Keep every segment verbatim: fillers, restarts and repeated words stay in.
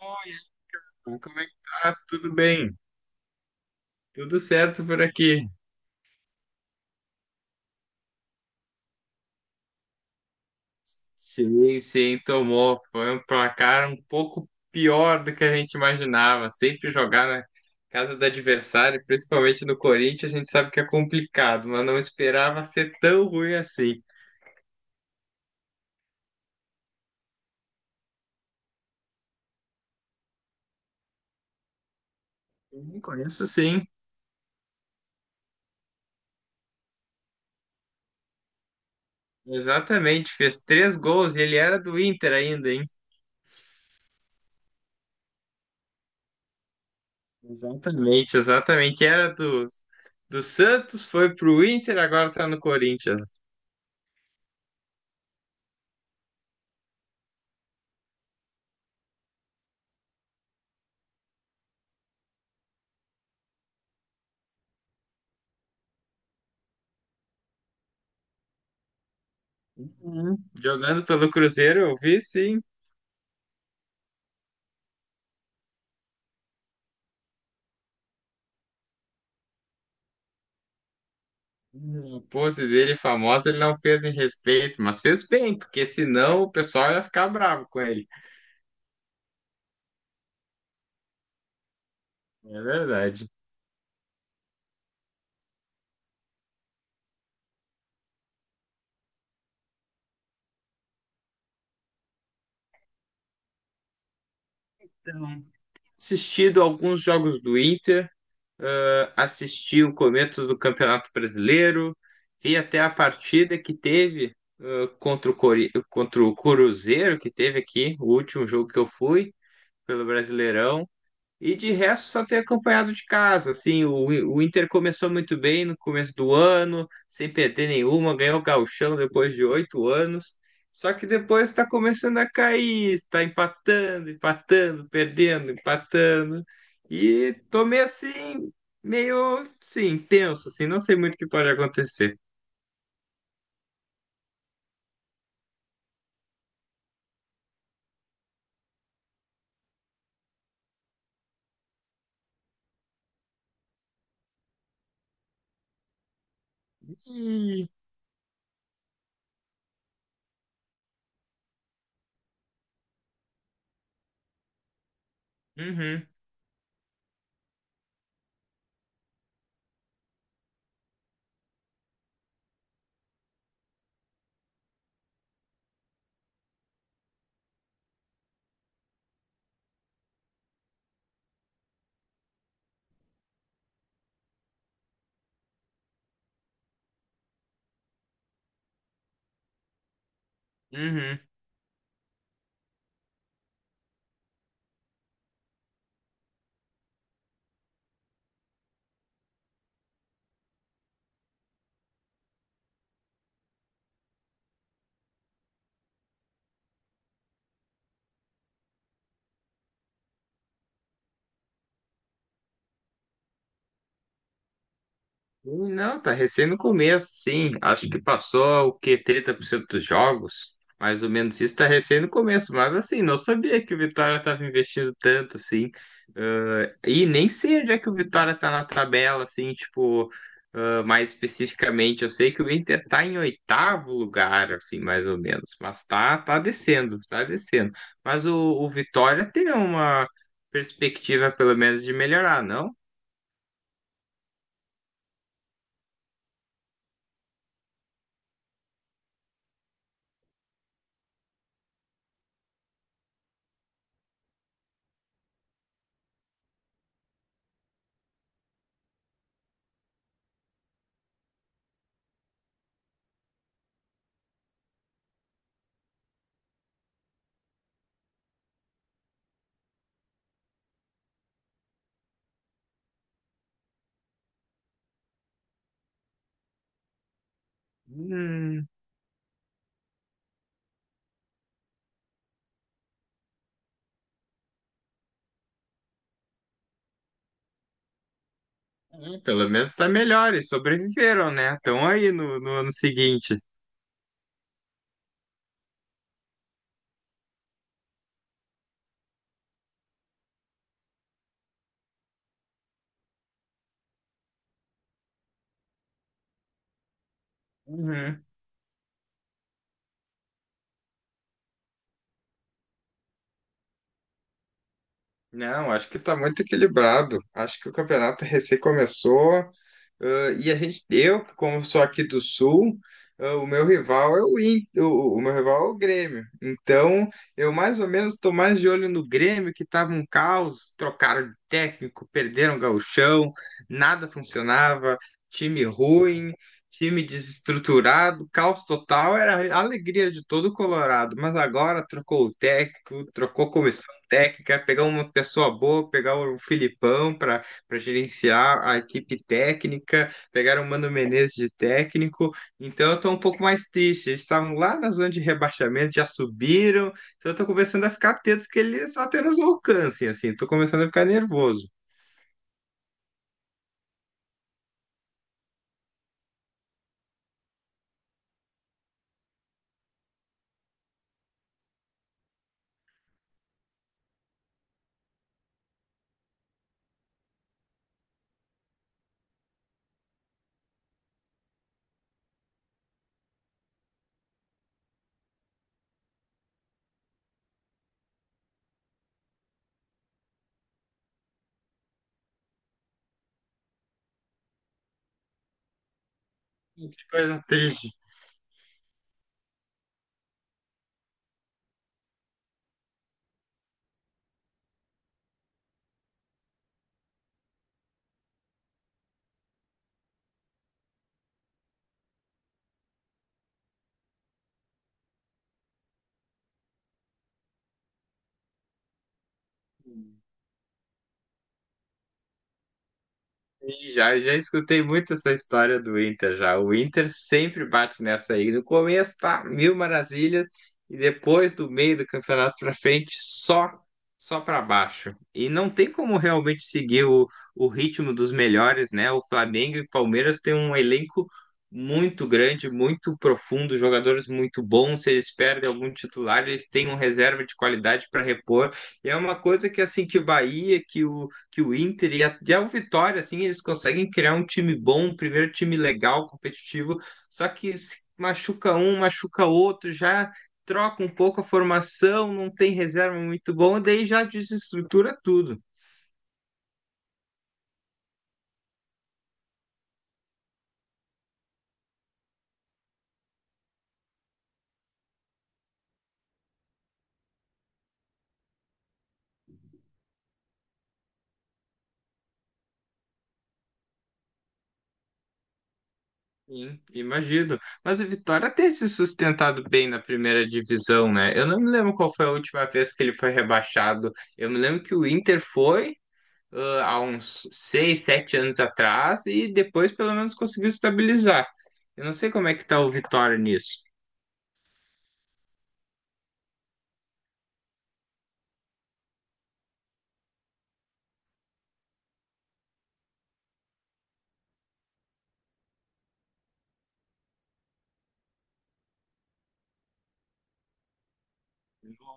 Oi, Alan, como é que tá? Tudo bem? Tudo certo por aqui. Sim, sim, tomou. Foi um placar um pouco pior do que a gente imaginava. Sempre jogar na casa do adversário, principalmente no Corinthians, a gente sabe que é complicado, mas não esperava ser tão ruim assim. Sim, conheço sim. Exatamente, fez três gols e ele era do Inter ainda, hein? Exatamente, exatamente. Era do, do Santos, foi pro Inter, agora tá no Corinthians. Uhum. Jogando pelo Cruzeiro, eu vi sim. Uhum. A pose dele famosa, ele não fez em respeito, mas fez bem, porque senão o pessoal ia ficar bravo com ele. É verdade. Então, assistido alguns jogos do Inter, ah, assisti o começo do Campeonato Brasileiro, vi até a partida que teve ah, contra o Cori- contra o Cruzeiro, que teve aqui, o último jogo que eu fui pelo Brasileirão. E de resto, só ter acompanhado de casa. Assim, o, o Inter começou muito bem no começo do ano, sem perder nenhuma, ganhou o Gauchão depois de oito anos. Só que depois está começando a cair, está empatando, empatando, perdendo, empatando. E tô meio assim, meio, sim, tenso, assim, não sei muito o que pode acontecer. Ih, uhum, uhum. Não, tá recém no começo, sim. Acho que passou o quê? Trinta por cento dos jogos? Mais ou menos isso, tá recém no começo. Mas assim, não sabia que o Vitória tava investindo tanto, assim. Ah, e nem sei onde é que o Vitória tá na tabela, assim, tipo, ah, mais especificamente. Eu sei que o Inter tá em oitavo lugar, assim, mais ou menos. Mas tá, tá descendo, tá descendo. Mas o, o Vitória tem uma perspectiva, pelo menos, de melhorar, não? Hum, hum, pelo menos tá melhor, e sobreviveram, né? Estão aí no, no ano seguinte. Uhum. Não, acho que tá muito equilibrado. Acho que o campeonato recém começou. Ah, e a gente, eu, como sou aqui do Sul, ah, o meu rival é o Inter, o, o meu rival é o Grêmio. Então, eu mais ou menos estou mais de olho no Grêmio, que estava um caos, trocaram de técnico, perderam o gauchão, nada funcionava, time ruim, time desestruturado, caos total, era a alegria de todo o Colorado. Mas agora trocou o técnico, trocou comissão técnica, pegar uma pessoa boa, pegar o Filipão para para gerenciar a equipe técnica, pegaram o Mano Menezes de técnico, então eu tô um pouco mais triste. Eles estavam lá na zona de rebaixamento, já subiram, então eu tô começando a ficar atento que eles apenas alcancem, assim, tô começando a ficar nervoso. Que coisa triste. Sim, Já, já escutei muito essa história do Inter já. O Inter sempre bate nessa aí. No começo tá mil maravilhas e depois do meio do campeonato pra frente só só para baixo. E não tem como realmente seguir o, o ritmo dos melhores, né? O Flamengo e Palmeiras têm um elenco muito grande, muito profundo, jogadores muito bons. Se eles perdem algum titular, eles têm um reserva de qualidade para repor. E é uma coisa que assim que o Bahia, que o que o Inter e até o Vitória, assim, eles conseguem criar um time bom, um primeiro time legal, competitivo, só que se machuca um, machuca outro, já troca um pouco a formação, não tem reserva muito bom, daí já desestrutura tudo. Sim, imagino. Mas o Vitória tem se sustentado bem na primeira divisão, né? Eu não me lembro qual foi a última vez que ele foi rebaixado. Eu me lembro que o Inter foi ah, há uns seis, sete anos atrás e depois pelo menos conseguiu estabilizar. Eu não sei como é que tá o Vitória nisso.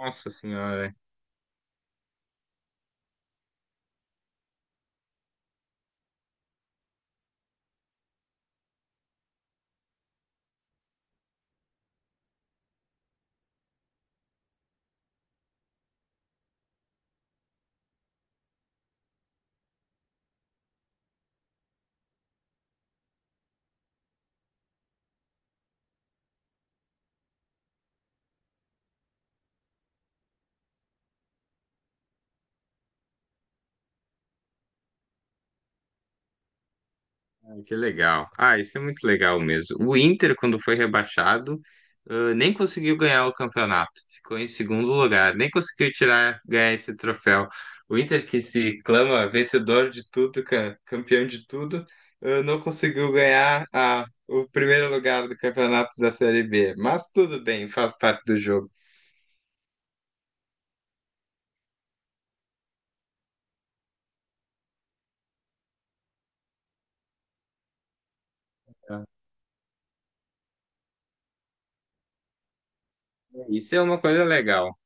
Nossa senhora, ai, que legal. Ah, isso é muito legal mesmo. O Inter, quando foi rebaixado, ah, nem conseguiu ganhar o campeonato. Ficou em segundo lugar, nem conseguiu tirar, ganhar esse troféu. O Inter, que se clama vencedor de tudo, ca- campeão de tudo, ah, não conseguiu ganhar a o primeiro lugar do campeonato da Série B. Mas tudo bem, faz parte do jogo. É, isso é uma coisa legal.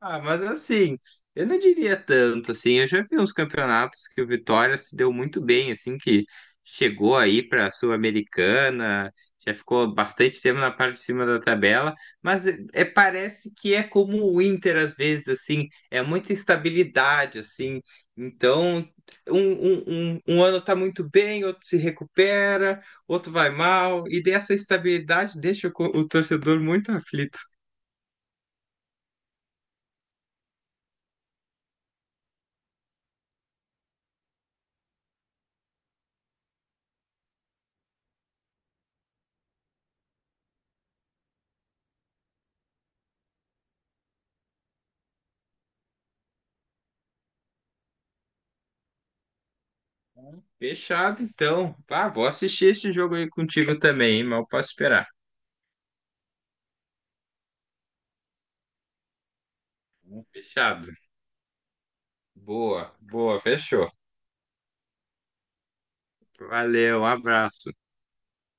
Ah, mas assim, eu não diria tanto, assim, eu já vi uns campeonatos que o Vitória se deu muito bem, assim, que chegou aí para a Sul-Americana, já ficou bastante tempo na parte de cima da tabela, mas é, é- parece que é como o Inter às vezes, assim, é muita instabilidade, assim, então um, um, um, um ano tá muito bem, outro se recupera, outro vai mal, e dessa instabilidade deixa o co- o torcedor muito aflito. Fechado, então. Ah, vou assistir esse jogo aí contigo também, hein? Mal posso esperar. Fechado. Boa, boa, fechou. Valeu, um abraço.